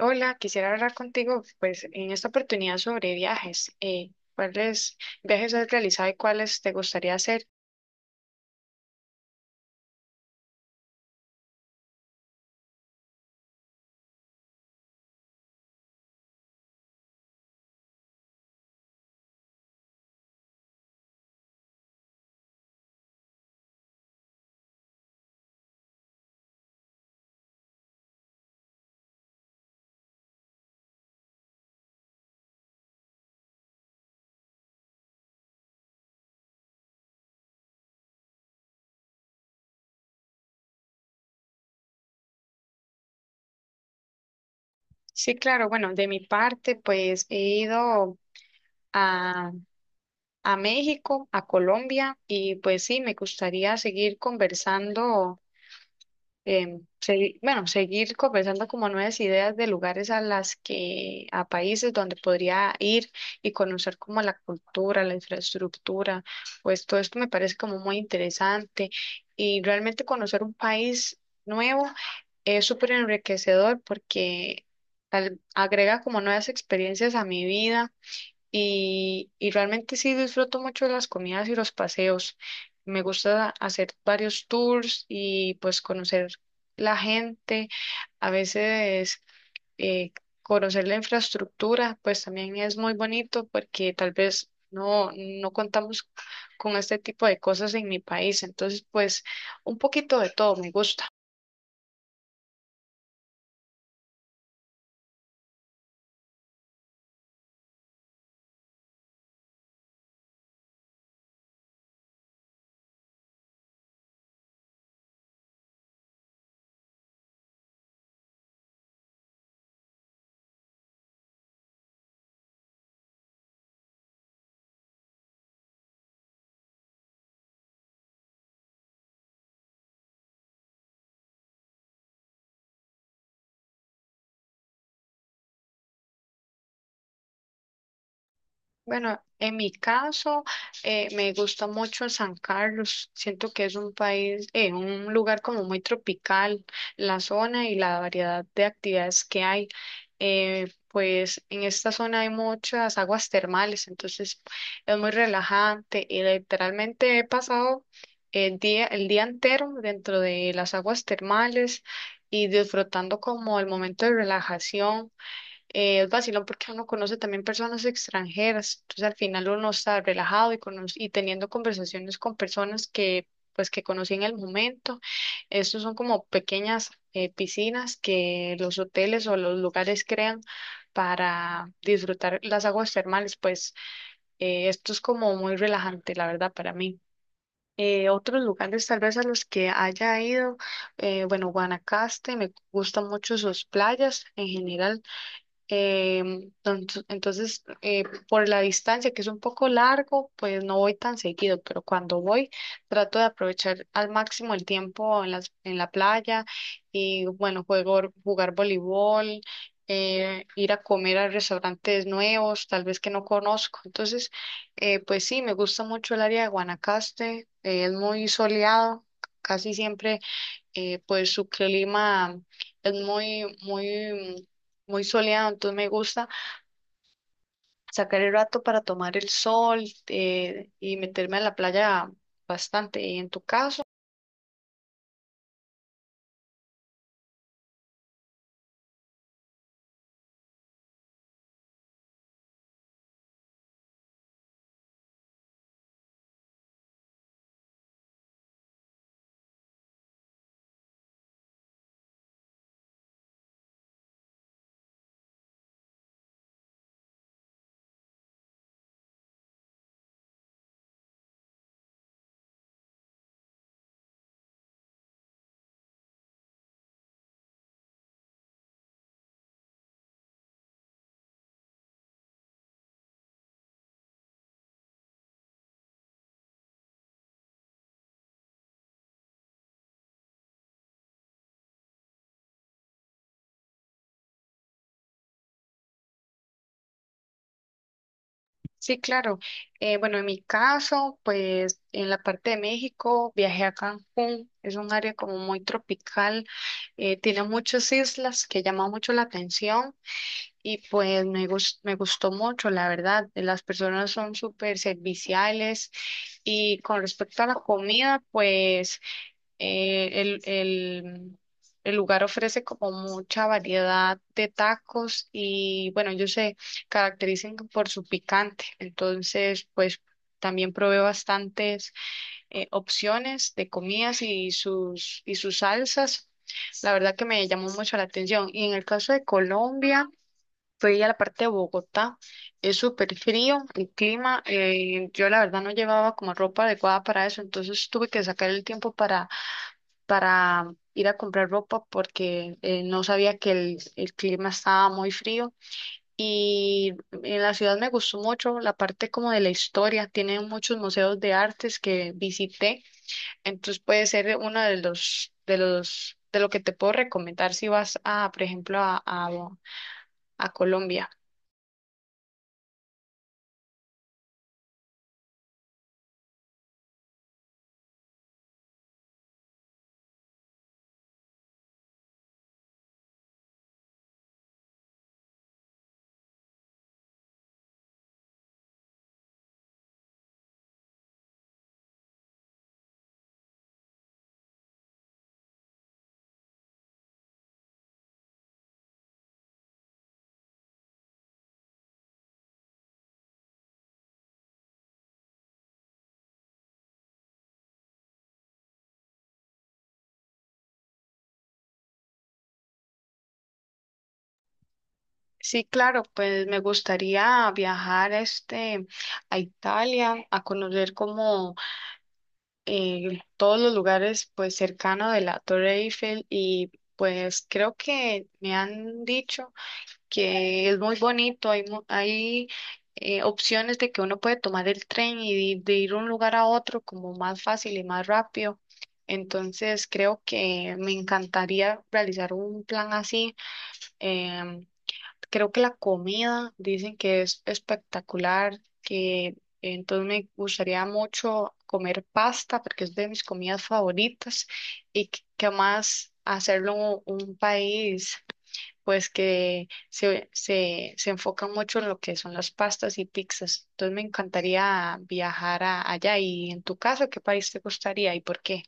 Hola, quisiera hablar contigo, pues, en esta oportunidad sobre viajes. ¿Cuáles viajes has realizado y cuáles te gustaría hacer? Sí, claro, bueno, de mi parte, pues, he ido a, a México, a Colombia, y pues sí, me gustaría seguir conversando seguir conversando como nuevas ideas de lugares a a países donde podría ir y conocer como la cultura, la infraestructura, pues todo esto me parece como muy interesante y realmente conocer un país nuevo es súper enriquecedor porque agrega como nuevas experiencias a mi vida y realmente sí disfruto mucho de las comidas y los paseos. Me gusta hacer varios tours y pues conocer la gente. A veces eh, conocer la infraestructura pues también es muy bonito porque tal vez no contamos con este tipo de cosas en mi país. Entonces pues un poquito de todo me gusta. Bueno, en mi caso, me gusta mucho San Carlos. Siento que es un país, un lugar como muy tropical, la zona y la variedad de actividades que hay. Pues en esta zona hay muchas aguas termales, entonces es muy relajante y literalmente he pasado el día entero dentro de las aguas termales y disfrutando como el momento de relajación, es vacilón porque uno conoce también personas extranjeras, entonces al final uno está relajado y teniendo conversaciones con personas que pues que conocí en el momento. Estos son como pequeñas piscinas que los hoteles o los lugares crean para disfrutar las aguas termales, pues esto es como muy relajante, la verdad, para mí. Otros lugares tal vez a los que haya ido, bueno, Guanacaste, me gustan mucho sus playas en general. Entonces, por la distancia, que es un poco largo, pues no voy tan seguido, pero cuando voy trato de aprovechar al máximo el tiempo en en la playa y bueno, jugar voleibol, ir a comer a restaurantes nuevos, tal vez que no conozco. Entonces, pues sí, me gusta mucho el área de Guanacaste, es muy soleado, casi siempre, pues su clima es muy, muy soleado, entonces me gusta sacar el rato para tomar el sol, y meterme a la playa bastante. ¿Y en tu caso? Sí, claro. Bueno, en mi caso, pues en la parte de México viajé a Cancún, es un área como muy tropical, tiene muchas islas que llaman mucho la atención. Y pues me gustó mucho, la verdad. Las personas son súper serviciales y con respecto a la comida, pues eh, el, el, el lugar ofrece como mucha variedad de tacos y bueno, ellos se caracterizan por su picante. Entonces, pues también probé bastantes opciones de comidas y sus salsas. La verdad que me llamó mucho la atención. Y en el caso de Colombia, fui a la parte de Bogotá, es súper frío el clima, yo la verdad no llevaba como ropa adecuada para eso, entonces tuve que sacar el tiempo para ir a comprar ropa porque no sabía que el clima estaba muy frío y en la ciudad me gustó mucho la parte como de la historia, tiene muchos museos de artes que visité, entonces puede ser uno de lo que te puedo recomendar si vas a, por ejemplo, a Colombia. Sí, claro, pues me gustaría viajar este a Italia a conocer como todos los lugares pues cercanos de la Torre Eiffel y pues creo que me han dicho que es muy bonito, hay opciones de que uno puede tomar el tren y de ir de un lugar a otro como más fácil y más rápido. Entonces creo que me encantaría realizar un plan así. em, Creo que la comida dicen que es espectacular, que entonces me gustaría mucho comer pasta porque es de mis comidas favoritas y que más hacerlo un país pues que se enfoca mucho en lo que son las pastas y pizzas. Entonces me encantaría viajar allá. Y en tu caso, ¿qué país te gustaría y por qué?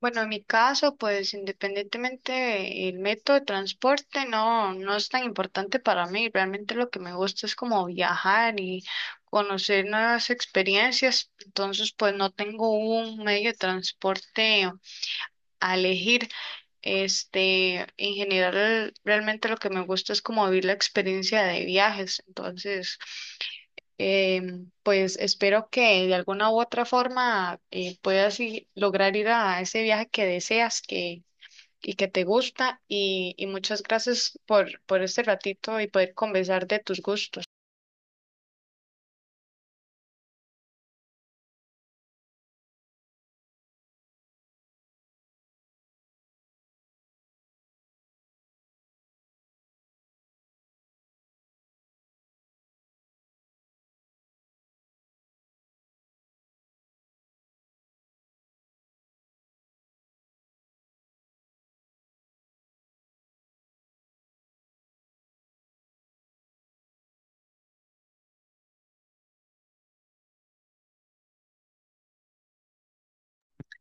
Bueno, en mi caso, pues independientemente del método de transporte, no es tan importante para mí. Realmente lo que me gusta es como viajar y conocer nuevas experiencias. Entonces, pues no tengo un medio de transporte a elegir. Este, en general, realmente lo que me gusta es como vivir la experiencia de viajes. Entonces, pues espero que de alguna u otra forma, puedas lograr ir a ese viaje que deseas, y que te gusta, y muchas gracias por este ratito y poder conversar de tus gustos.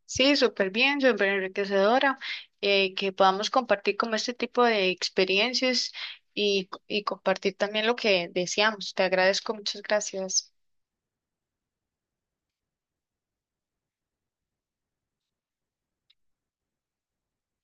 Sí, súper bien, súper enriquecedora, que podamos compartir como este tipo de experiencias y compartir también lo que deseamos. Te agradezco, muchas gracias.